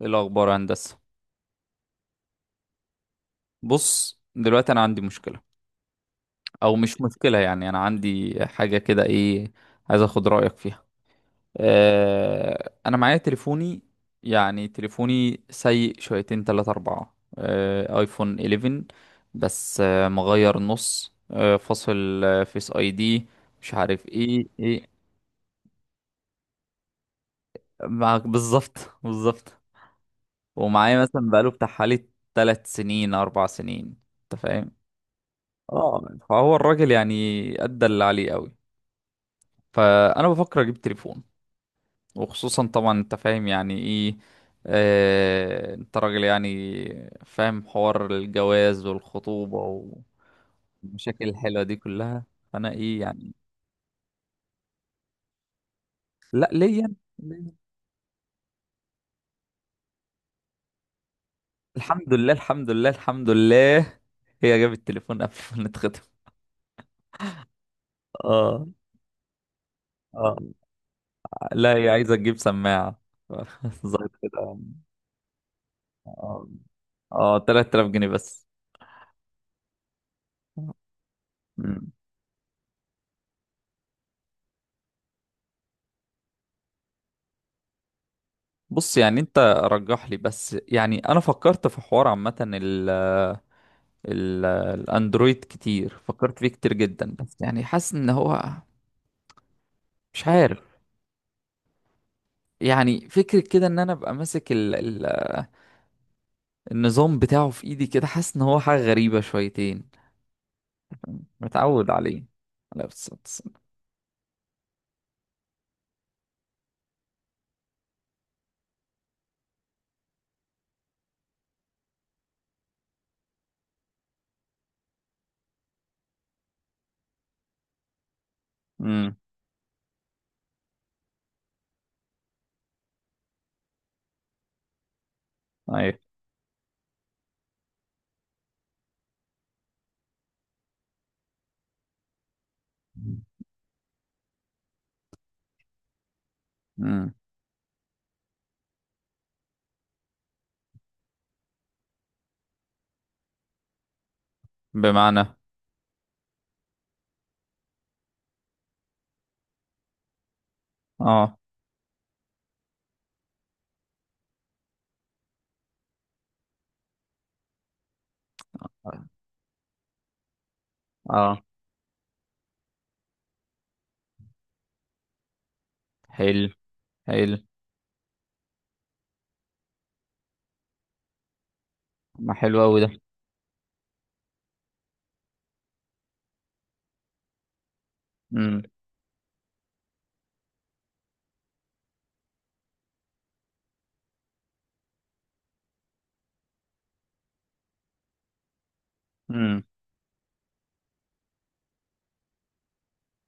ايه الاخبار يا هندسه؟ بص، دلوقتي انا عندي مشكله. او مش مشكله، يعني انا عندي حاجه كده، ايه، عايز اخد رايك فيها. انا معايا تليفوني. يعني تليفوني سيء شويتين تلاتة اربعة، ايفون 11. بس مغير نص فاصل فيس اي دي. مش عارف ايه ايه. معاك بالظبط بالظبط. ومعايا مثلا بقاله بتاع حوالي 3 سنين 4 سنين. انت فاهم. اه، فهو الراجل يعني ادى اللي عليه قوي. فانا بفكر اجيب تليفون. وخصوصا طبعا، انت فاهم يعني ايه. انت راجل يعني فاهم حوار الجواز والخطوبة والمشاكل الحلوة دي كلها. فانا ايه يعني. لا، ليا. ليا. الحمد لله، الحمد لله، الحمد لله. هي جابت التليفون قبل ما نتخطب. اه. اه. لا، هي عايزة تجيب سماعة. ظهرت كده. اه. اه، 3000 جنيه بس. مم. بص، يعني انت رجح لي. بس يعني انا فكرت في حوار عامة ال ال الاندرويد كتير. فكرت فيه كتير جدا، بس يعني حاسس ان هو مش عارف. يعني فكرة كده ان انا ابقى ماسك ال ال النظام بتاعه في ايدي كده، حاسس ان هو حاجة غريبة شويتين. متعود عليه. لا، بس بس. امم. ايوه. امم. بمعنى. اه. اه. حلو. حلو. ما حلو قوي ده. امم. امم.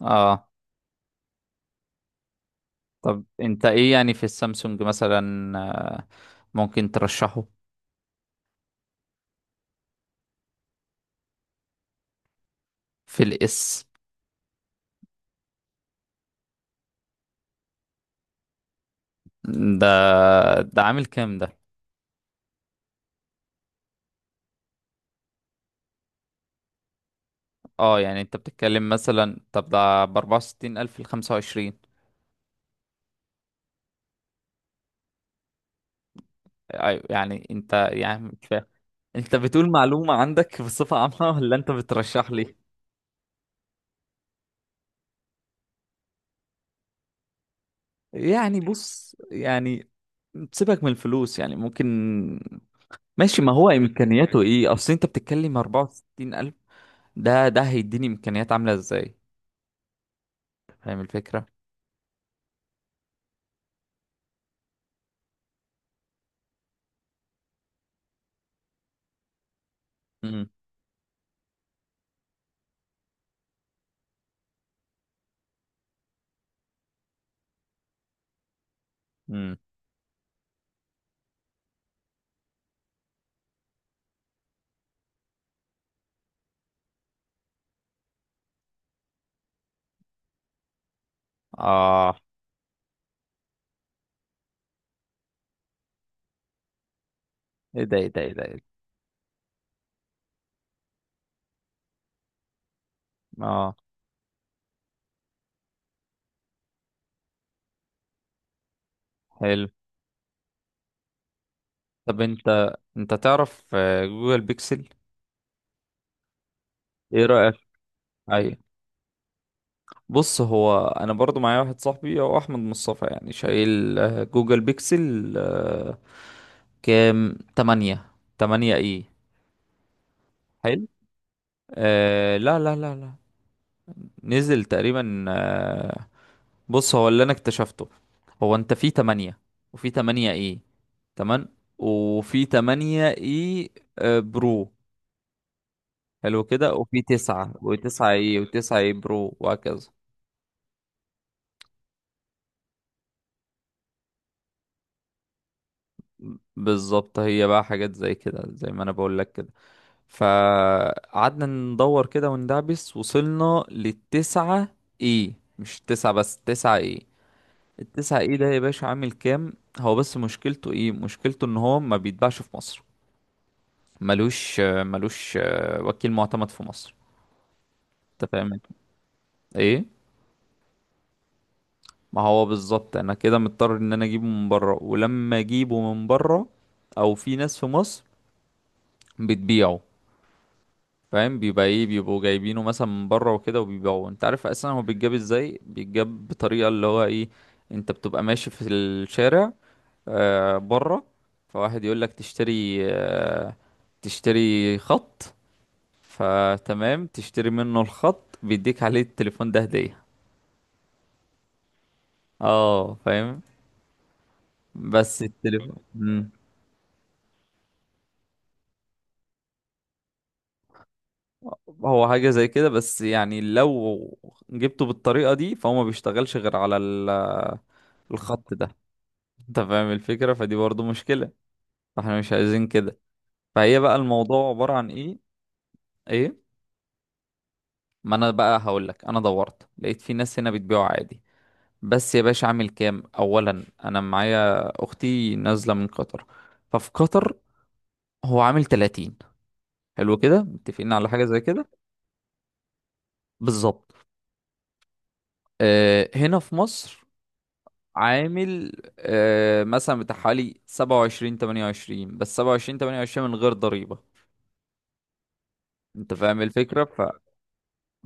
اه. طب انت ايه يعني في السامسونج مثلا، آه، ممكن ترشحه. في الاس. ده ده عامل كام ده؟ اه يعني انت بتتكلم مثلا، طب ده ب 64000 الف ل 25؟ ايوه، يعني انت يعني مش فاهم. انت بتقول معلومة عندك بصفة عامة ولا انت بترشح لي؟ يعني بص، يعني سيبك من الفلوس، يعني ممكن. ماشي، ما هو امكانياته ايه؟ اصل انت بتتكلم 64000 الف. ده هيديني امكانيات عاملة ازاي؟ فاهم الفكرة. امم. اه. ايه ده؟ ايه ده؟ ايه ده؟ إيه ده؟ اه. حلو. طب انت تعرف جوجل بيكسل؟ ايه رأيك؟ ايوه. بص، هو انا برضو معايا واحد صاحبي هو احمد مصطفى، يعني شايل جوجل بيكسل كام، تمانية. تمانية ايه؟ حلو. لا لا لا لا. نزل تقريبا بص، هو اللي انا اكتشفته، هو انت في تمانية وفي تمانية ايه. تمام، وفي تمانية ايه؟ برو. حلو كده. وفي تسعة وتسعة اي وتسعة اي برو وهكذا. بالظبط، هي بقى حاجات زي كده، زي ما انا بقول لك كده. فقعدنا ندور كده وندعبس، وصلنا للتسعة اي. مش تسعة بس، تسعة اي. التسعة اي ده يا باشا عامل كام؟ هو بس مشكلته ايه؟ مشكلته ان هو ما بيتباعش في مصر. ملوش ملوش وكيل معتمد في مصر. انت فاهم. ايه. ما هو بالظبط، انا كده مضطر ان انا اجيبه من بره. ولما اجيبه من بره، او في ناس في مصر بتبيعه، فاهم؟ بيبقى ايه، بيبقوا جايبينه مثلا من بره وكده وبيبيعوه. انت عارف اصلا هو بيتجاب ازاي؟ بيتجاب بطريقه، اللي هو ايه، انت بتبقى ماشي في الشارع، بره، فواحد يقول لك تشتري تشتري خط. فتمام، تشتري منه الخط، بيديك عليه التليفون ده هدية. اه، فاهم. بس التليفون، هو حاجة زي كده. بس يعني لو جبته بالطريقة دي، فهو ما بيشتغلش غير على الخط ده. انت فاهم الفكرة، فدي برضو مشكلة. فاحنا مش عايزين كده. فهي بقى الموضوع عبارة عن ايه. ايه. ما انا بقى هقولك، انا دورت لقيت في ناس هنا بتبيعه عادي. بس يا باشا اعمل كام؟ اولا انا معايا اختي نازلة من قطر. ففي قطر هو عامل 30. حلو كده، متفقين على حاجة زي كده. بالظبط. هنا في مصر عامل مثلا بتاع حوالي 27 28. بس 27 28 من غير ضريبة. انت فاهم الفكرة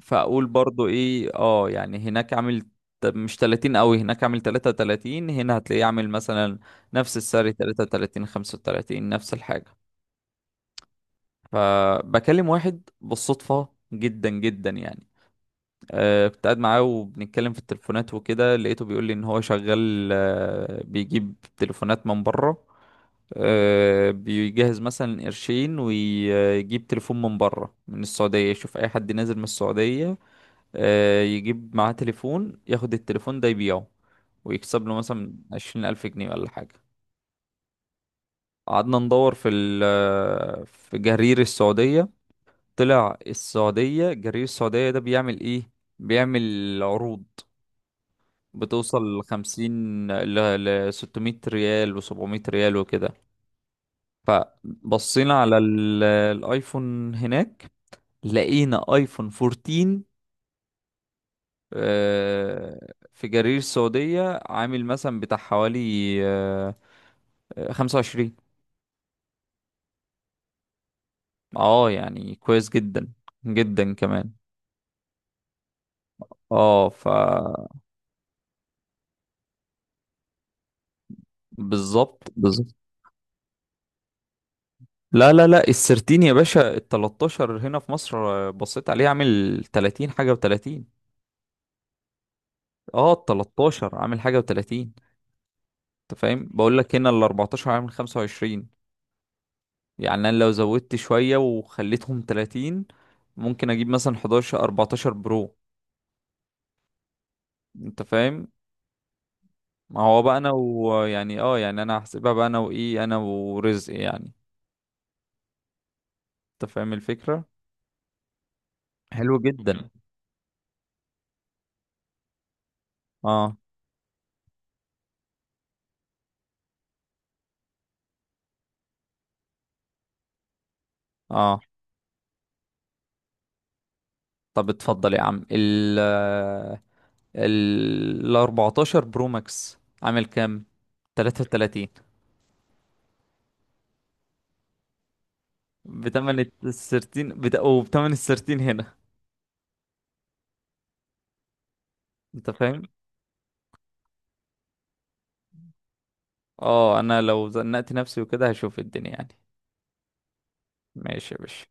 فاقول برضو ايه، اه يعني هناك عامل مش 30 قوي. هناك عامل 33. هنا هتلاقيه عامل مثلا نفس السعر 33 35، نفس الحاجة. فبكلم واحد بالصدفة، جدا جدا يعني. كنت قاعد معاه وبنتكلم في التليفونات وكده، لقيته بيقول لي ان هو شغال بيجيب تليفونات من بره. بيجهز مثلا قرشين ويجيب تليفون من بره من السعودية. يشوف اي حد نازل من السعودية، يجيب معاه تليفون، ياخد التليفون ده يبيعه، ويكسب له مثلا 20000 جنيه ولا حاجة. قعدنا ندور في ال آه، في جرير السعودية. طلع السعودية جرير السعودية ده بيعمل ايه؟ بيعمل عروض بتوصل لخمسين، ل لستمية ريال وسبعمية ريال وكده. فبصينا على الايفون هناك. لقينا ايفون 14 في جرير السعودية عامل مثلا بتاع حوالي آه، 25. اه يعني كويس جدا. جدا كمان. اه بالظبط بالظبط. لا لا لا، السرتين يا باشا. ال 13 هنا في مصر بصيت عليه عامل 30 حاجة و30. اه، ال 13 عامل حاجة و30. انت فاهم؟ بقول لك هنا ال 14 عامل 25. يعني انا لو زودت شوية وخليتهم 30، ممكن اجيب مثلا 11 14 برو. انت فاهم. ما هو بقى انا، ويعني اه يعني انا هحسبها بقى انا وايه، انا ورزق يعني. انت فاهم الفكرة. حلو جدا. اه. اه. طب اتفضل يا عم ال 14 برو ماكس عامل كام؟ 33. بتمن السرتين وبتمن السرتين هنا. انت فاهم. اه، انا لو زنقت نفسي وكده هشوف الدنيا يعني. ماشي يا باشا.